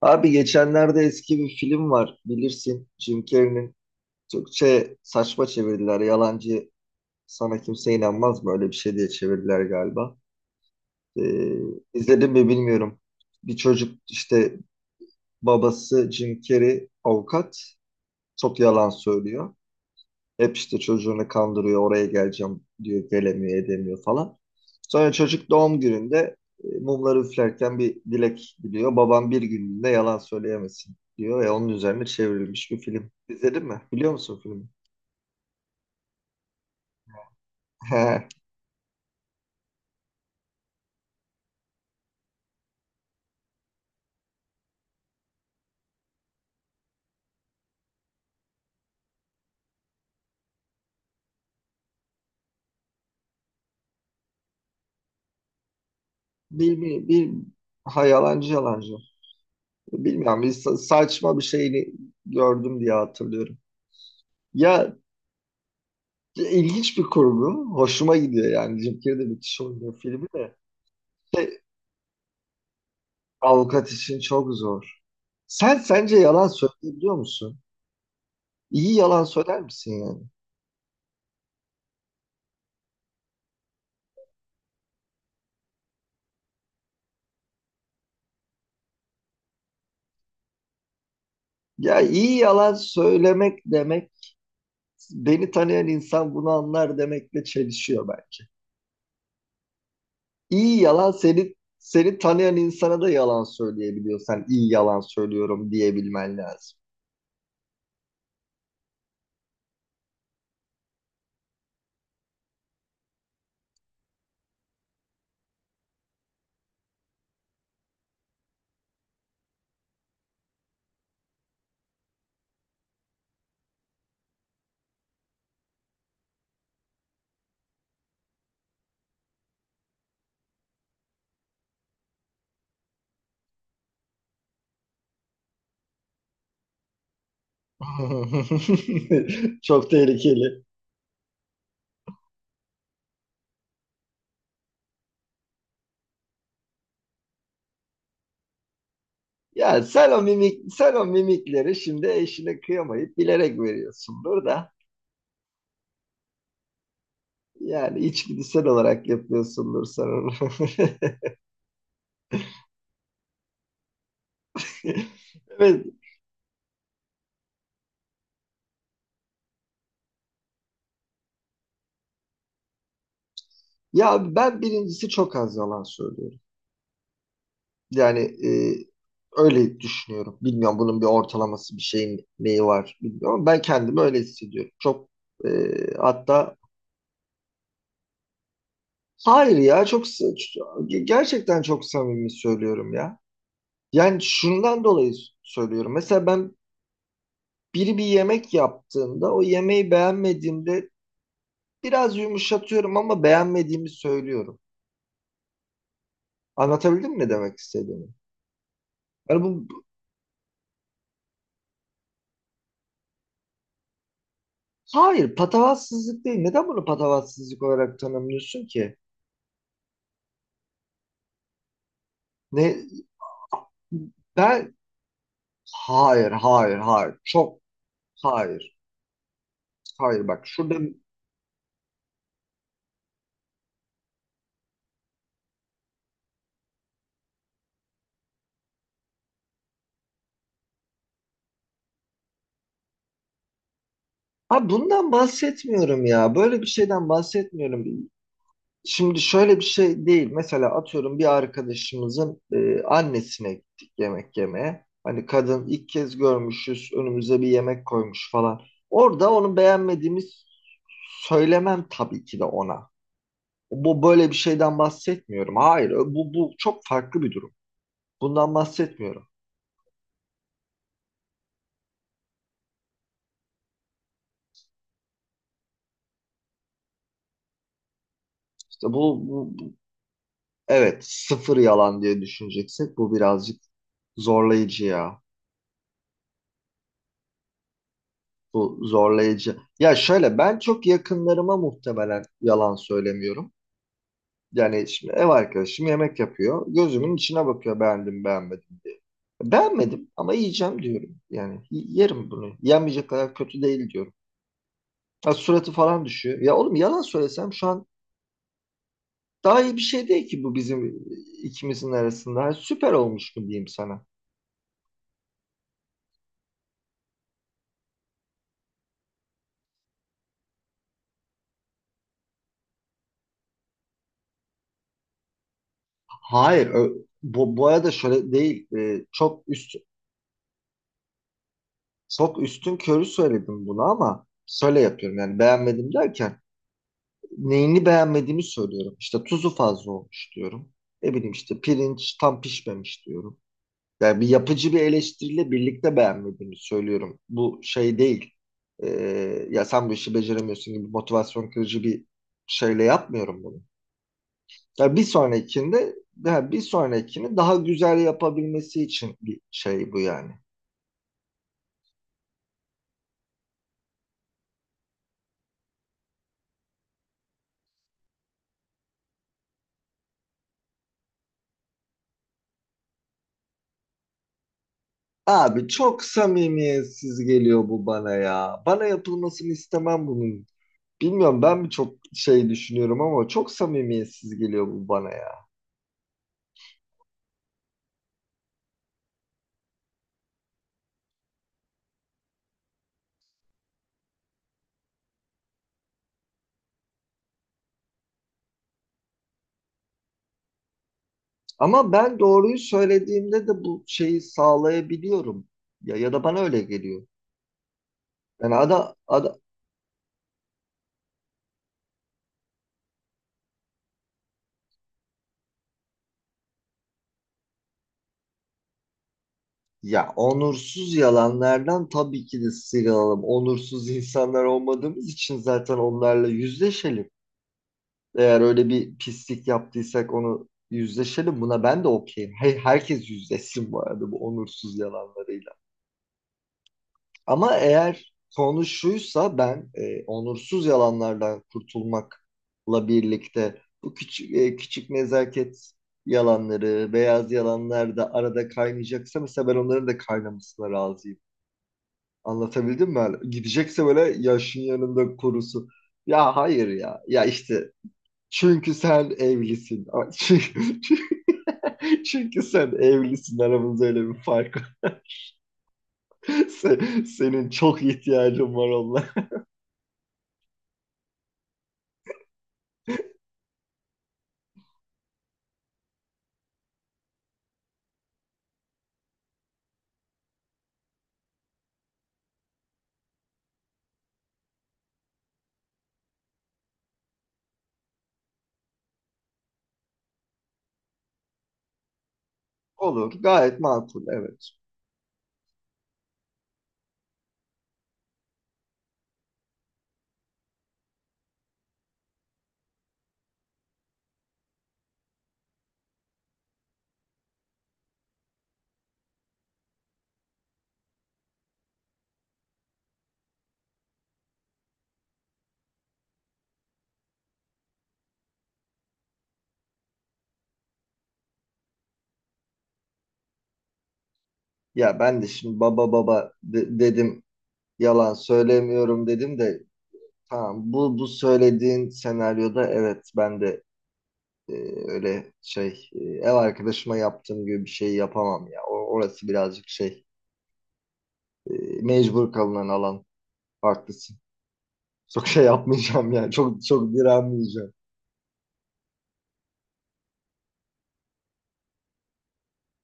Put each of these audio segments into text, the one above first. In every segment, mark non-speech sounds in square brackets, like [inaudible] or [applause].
Abi, geçenlerde eski bir film var, bilirsin, Jim Carrey'nin. Türkçe saçma çevirdiler, yalancı sana kimse inanmaz mı, öyle bir şey diye çevirdiler galiba. Ee, izledim mi bilmiyorum. Bir çocuk işte, babası Jim Carrey avukat, çok yalan söylüyor. Hep işte çocuğunu kandırıyor, oraya geleceğim diyor, gelemiyor, edemiyor falan. Sonra çocuk doğum gününde mumları üflerken bir dilek diliyor. Babam bir günlüğüne yalan söyleyemesin diyor ve onun üzerine çevrilmiş bir film. İzledin mi? Biliyor musun filmi? [laughs] He. Bir, bir, bir, ha, yalancı yalancı. Bilmiyorum, bir saçma bir şeyini gördüm diye hatırlıyorum. Ya, ilginç bir kurgu. Hoşuma gidiyor yani. Jim Carrey de müthiş oynuyor, filmi de. Şey, Avukat için çok zor. Sence yalan söyleyebiliyor musun? İyi yalan söyler misin yani? Ya, iyi yalan söylemek demek, beni tanıyan insan bunu anlar demekle çelişiyor belki. İyi yalan, seni tanıyan insana da yalan söyleyebiliyorsan iyi yalan söylüyorum diyebilmen lazım. [laughs] Çok tehlikeli. Ya sen o mimikleri şimdi eşine kıyamayıp bilerek veriyorsundur da. Yani içgüdüsel olarak yapıyorsundur sanırım. [laughs] Evet. Ya ben birincisi çok az yalan söylüyorum. Yani öyle düşünüyorum. Bilmiyorum bunun bir ortalaması, bir şeyin neyi var bilmiyorum. Ama ben kendimi öyle hissediyorum. Çok, e, hatta hayır ya, çok gerçekten çok samimi söylüyorum ya. Yani şundan dolayı söylüyorum. Mesela ben, biri bir yemek yaptığında o yemeği beğenmediğimde biraz yumuşatıyorum ama beğenmediğimi söylüyorum. Anlatabildim mi ne demek istediğimi? Yani hayır, patavatsızlık değil. Neden bunu patavatsızlık olarak tanımlıyorsun ki? Ne ben Hayır, hayır, hayır, çok. Hayır, hayır, bak şurada. Abi, bundan bahsetmiyorum ya. Böyle bir şeyden bahsetmiyorum. Şimdi şöyle bir şey değil. Mesela atıyorum, bir arkadaşımızın annesine gittik yemek yemeye. Hani kadın, ilk kez görmüşüz, önümüze bir yemek koymuş falan. Orada onu beğenmediğimiz söylemem tabii ki de ona. Bu böyle bir şeyden bahsetmiyorum. Hayır, bu bu çok farklı bir durum. Bundan bahsetmiyorum. İşte bu bu- evet, sıfır yalan diye düşüneceksek bu birazcık zorlayıcı ya. Bu zorlayıcı. Ya şöyle, ben çok yakınlarıma muhtemelen yalan söylemiyorum. Yani şimdi ev arkadaşım yemek yapıyor. Gözümün içine bakıyor, beğendim beğenmedim diye. Beğenmedim ama yiyeceğim diyorum. Yani yerim bunu. Yenmeyecek kadar kötü değil diyorum. Ha, suratı falan düşüyor. Ya oğlum, yalan söylesem şu an daha iyi bir şey değil ki bu bizim ikimizin arasında. Ha, süper olmuş mu diyeyim sana? Hayır, bu arada şöyle değil. Çok üstün körü söyledim bunu ama şöyle yapıyorum yani, beğenmedim derken neyini beğenmediğimi söylüyorum. İşte tuzu fazla olmuş diyorum. Ne bileyim işte pirinç tam pişmemiş diyorum. Yani bir yapıcı bir eleştiriyle birlikte beğenmediğimi söylüyorum. Bu şey değil. Ya sen bu işi beceremiyorsun gibi motivasyon kırıcı bir şeyle yapmıyorum bunu. Yani bir sonrakinde Yani bir sonrakini daha güzel yapabilmesi için bir şey bu yani. Abi, çok samimiyetsiz geliyor bu bana ya. Bana yapılmasını istemem bunun. Bilmiyorum, ben mi çok şey düşünüyorum ama çok samimiyetsiz geliyor bu bana ya. Ama ben doğruyu söylediğimde de bu şeyi sağlayabiliyorum. Ya, ya da bana öyle geliyor. Yani ada ada ya, onursuz yalanlardan tabii ki de sıyrılalım. Onursuz insanlar olmadığımız için zaten onlarla yüzleşelim. Eğer öyle bir pislik yaptıysak onu yüzleşelim. Buna ben de okeyim. Hey, herkes yüzleşsin bu arada bu onursuz yalanlarıyla. Ama eğer konu şuysa, ben onursuz yalanlardan kurtulmakla birlikte bu küçük nezaket yalanları, beyaz yalanlar da arada kaynayacaksa, mesela ben onların da kaynamasına razıyım. Anlatabildim mi? Yani gidecekse böyle yaşın yanında kurusu. Ya hayır ya. Ya işte, çünkü sen evlisin. Ay, çünkü, [laughs] çünkü sen evlisin. Aramızda öyle bir fark var. [laughs] Senin çok ihtiyacın var onlara. [laughs] Olur. Gayet makul. Evet. Ya ben de şimdi baba baba dedim. Yalan söylemiyorum dedim de, tamam, bu söylediğin senaryoda evet, ben de e, öyle ev arkadaşıma yaptığım gibi bir şey yapamam ya. Orası birazcık e, mecbur kalınan alan. Haklısın. Çok şey yapmayacağım yani. Çok çok direnmeyeceğim.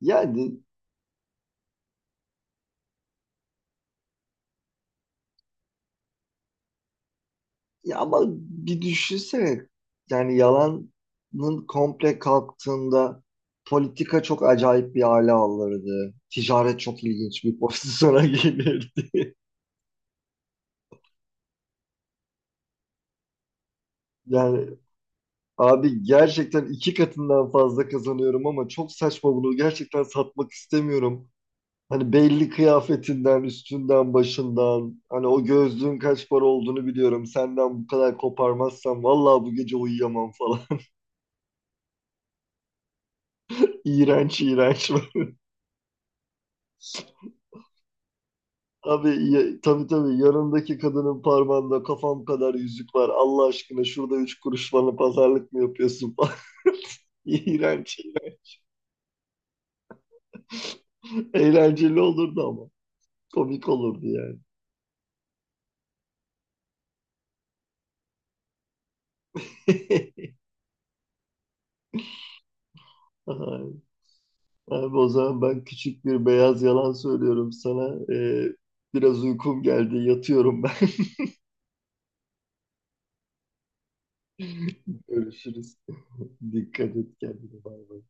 Yani, ya ama bir düşünsene. Yani yalanın komple kalktığında, politika çok acayip bir hale alırdı. Ticaret çok ilginç bir pozisyona [laughs] gelir. Yani abi, gerçekten iki katından fazla kazanıyorum ama çok saçma, bunu gerçekten satmak istemiyorum. Hani belli kıyafetinden, üstünden, başından, hani o gözlüğün kaç para olduğunu biliyorum. Senden bu kadar koparmazsam vallahi bu gece uyuyamam falan. [laughs] İğrenç, iğrenç. [laughs] Abi, tabii tabii, yanındaki kadının parmağında kafam kadar yüzük var. Allah aşkına şurada üç kuruş bana pazarlık mı yapıyorsun falan. [laughs] İğrenç. İğrenç. Eğlenceli olurdu ama. Komik olurdu yani. [laughs] Ay, abi, o zaman ben küçük bir beyaz yalan söylüyorum sana. Biraz uykum geldi. Yatıyorum ben. Görüşürüz. [laughs] Dikkat et kendine. Bay bay.